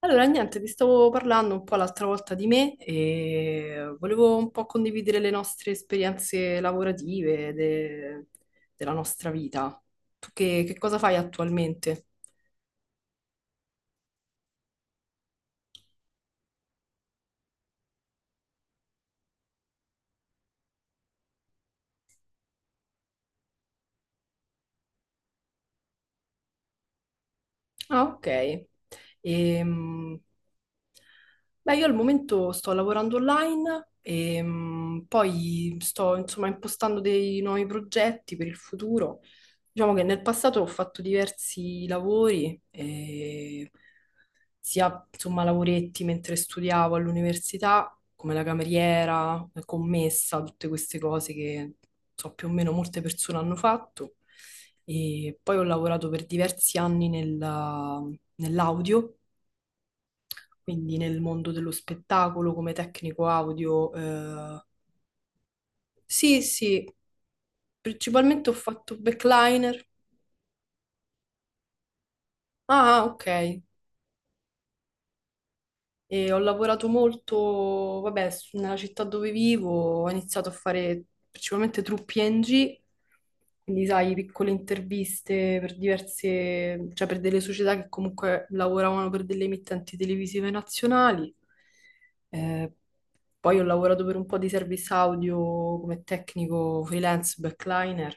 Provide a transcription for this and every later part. Allora, niente, vi stavo parlando un po' l'altra volta di me e volevo un po' condividere le nostre esperienze lavorative della nostra vita. Tu che cosa fai attualmente? Ah, ok. Ehm, beh, io al momento sto lavorando online e poi sto insomma impostando dei nuovi progetti per il futuro. Diciamo che nel passato ho fatto diversi lavori, sia insomma lavoretti mentre studiavo all'università, come la cameriera, la commessa, tutte queste cose che so più o meno molte persone hanno fatto. E poi ho lavorato per diversi anni nell'audio, quindi nel mondo dello spettacolo come tecnico audio. Sì, sì, principalmente ho fatto backliner. Ah, ah, ok. E ho lavorato molto, vabbè, nella città dove vivo, ho iniziato a fare principalmente truppi NG, quindi sai, piccole interviste per diverse, cioè per delle società che comunque lavoravano per delle emittenti televisive nazionali. Eh, poi ho lavorato per un po' di service audio come tecnico freelance backliner.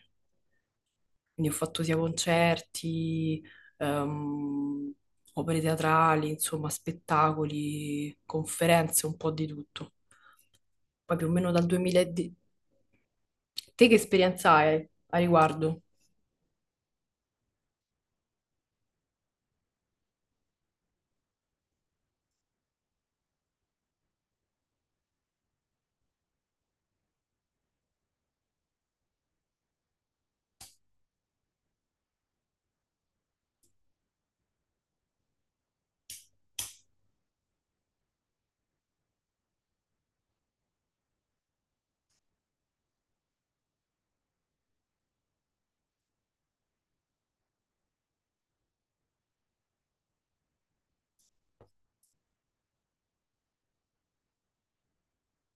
Quindi ho fatto sia concerti, ehm, opere teatrali, insomma, spettacoli, conferenze, un po' di tutto. Poi più o meno dal 2010. Te che esperienza hai a riguardo?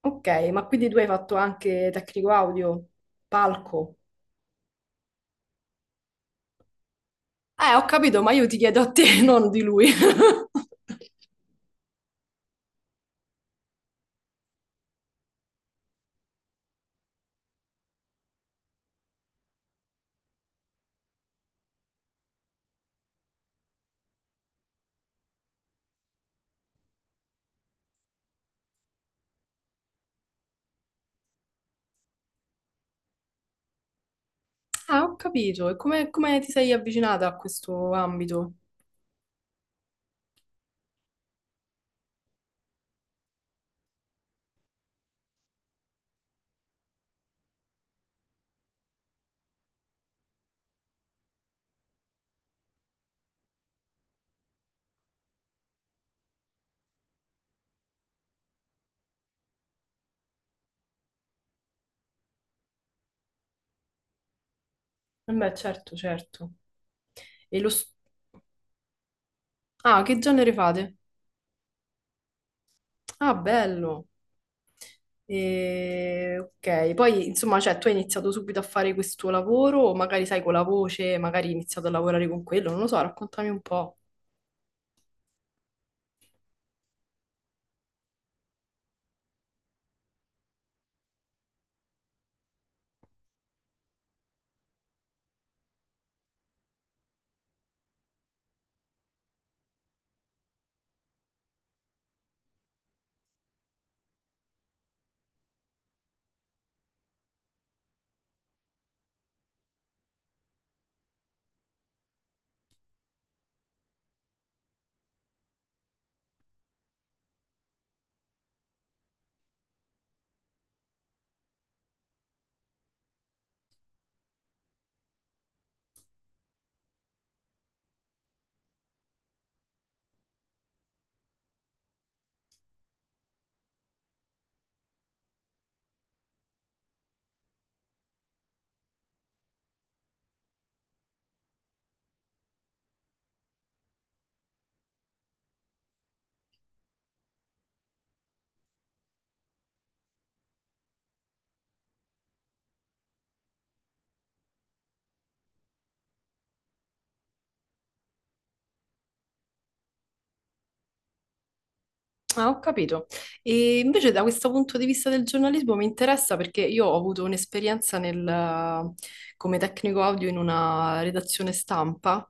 Ok, ma quindi tu hai fatto anche tecnico audio, palco? Ho capito, ma io ti chiedo a te, non di lui. Ah, ho capito. E come, come ti sei avvicinata a questo ambito? Beh, certo, certo. E lo... s- Ah, che genere fate? Ah, bello. E, ok, poi insomma, cioè, tu hai iniziato subito a fare questo lavoro, o magari sai con la voce, magari hai iniziato a lavorare con quello, non lo so, raccontami un po'. Ah, ho capito. E invece da questo punto di vista del giornalismo mi interessa perché io ho avuto un'esperienza nel, come tecnico audio in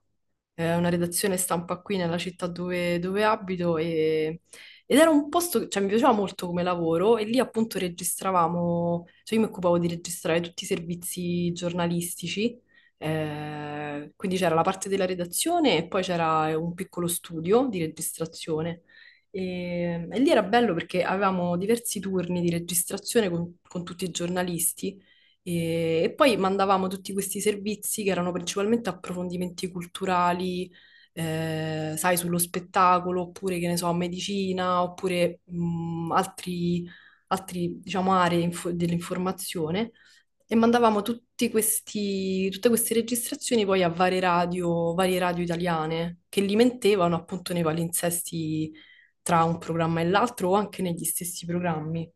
una redazione stampa qui nella città dove, dove ed era un posto, cioè mi piaceva molto come lavoro e lì appunto registravamo, cioè io mi occupavo di registrare tutti i servizi giornalistici, quindi c'era la parte della redazione e poi c'era un piccolo studio di registrazione. E lì era bello perché avevamo diversi turni di registrazione con tutti i giornalisti e poi mandavamo tutti questi servizi che erano principalmente approfondimenti culturali, sai, sullo spettacolo, oppure che ne so, medicina, oppure altri, altri, diciamo, dell'informazione. E mandavamo tutti questi, tutte queste registrazioni poi a varie radio italiane che li mentevano appunto nei palinsesti tra un programma e l'altro o anche negli stessi programmi.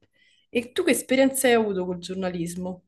E tu che esperienze hai avuto col giornalismo?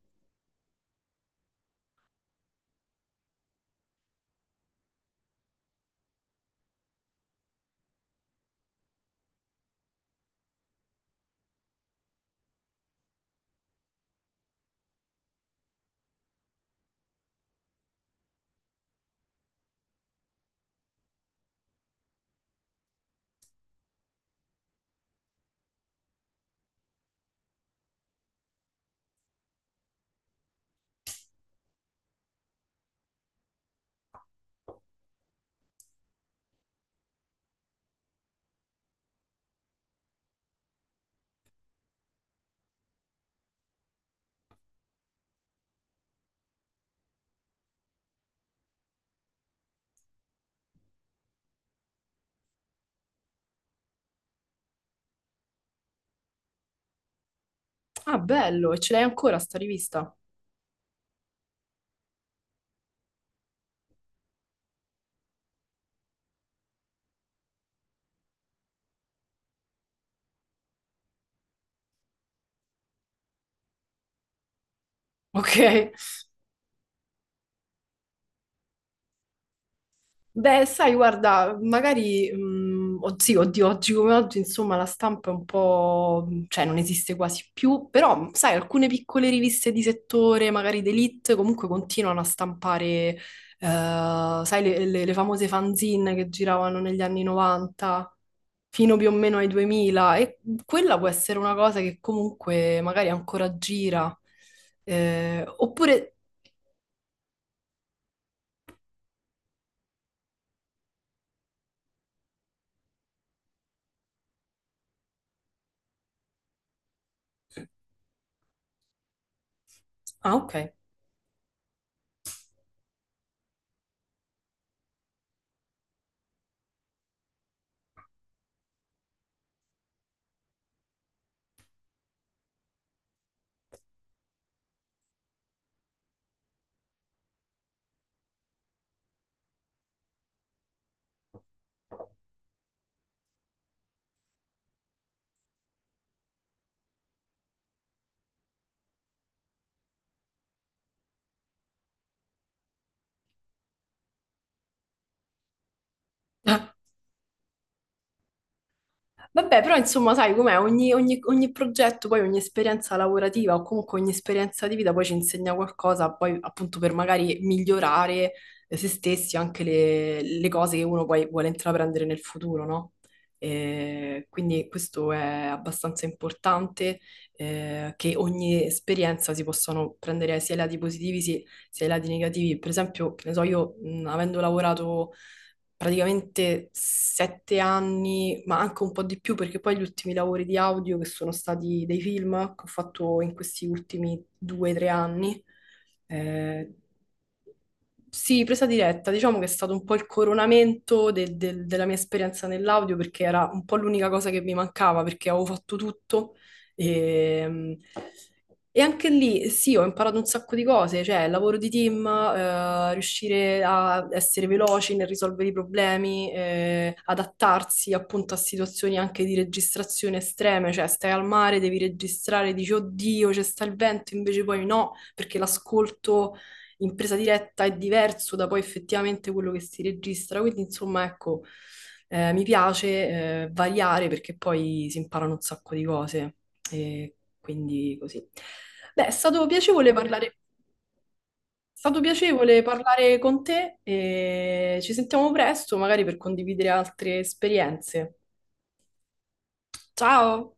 Ah, bello, e ce l'hai ancora sta rivista? Ok. Beh, sai, guarda, magari, sì, oddio, oggi come oggi, insomma, la stampa è un po', cioè, non esiste quasi più, però, sai, alcune piccole riviste di settore, magari d'elite, comunque continuano a stampare, eh, sai, le famose fanzine che giravano negli anni 90, fino più o meno ai 2000, e quella può essere una cosa che comunque magari ancora gira. Oppure... Ah, ok. Ah, vabbè, però insomma, sai com'è, ogni progetto, poi ogni esperienza lavorativa o comunque ogni esperienza di vita poi ci insegna qualcosa, poi appunto per magari migliorare, se stessi anche le cose che uno poi vuole intraprendere nel futuro, no? Quindi questo è abbastanza importante, che ogni esperienza si possano prendere sia i lati positivi, sia i lati negativi. Per esempio, che ne so, io, avendo lavorato praticamente sette anni, ma anche un po' di più, perché poi gli ultimi lavori di audio che sono stati dei film che ho fatto in questi ultimi due o tre anni. eh, sì, presa diretta, diciamo che è stato un po' il coronamento della mia esperienza nell'audio perché era un po' l'unica cosa che mi mancava perché avevo fatto tutto e, e anche lì sì, ho imparato un sacco di cose, cioè il lavoro di team, riuscire a essere veloci nel risolvere i problemi, adattarsi appunto a situazioni anche di registrazione estreme, cioè stai al mare, devi registrare, dici oddio, c'è sta il vento, invece poi no, perché l'ascolto in presa diretta è diverso da poi effettivamente quello che si registra. Quindi, insomma, ecco, mi piace variare perché poi si imparano un sacco di cose. E quindi così. Beh, è stato piacevole parlare con te e ci sentiamo presto, magari per condividere altre esperienze. Ciao!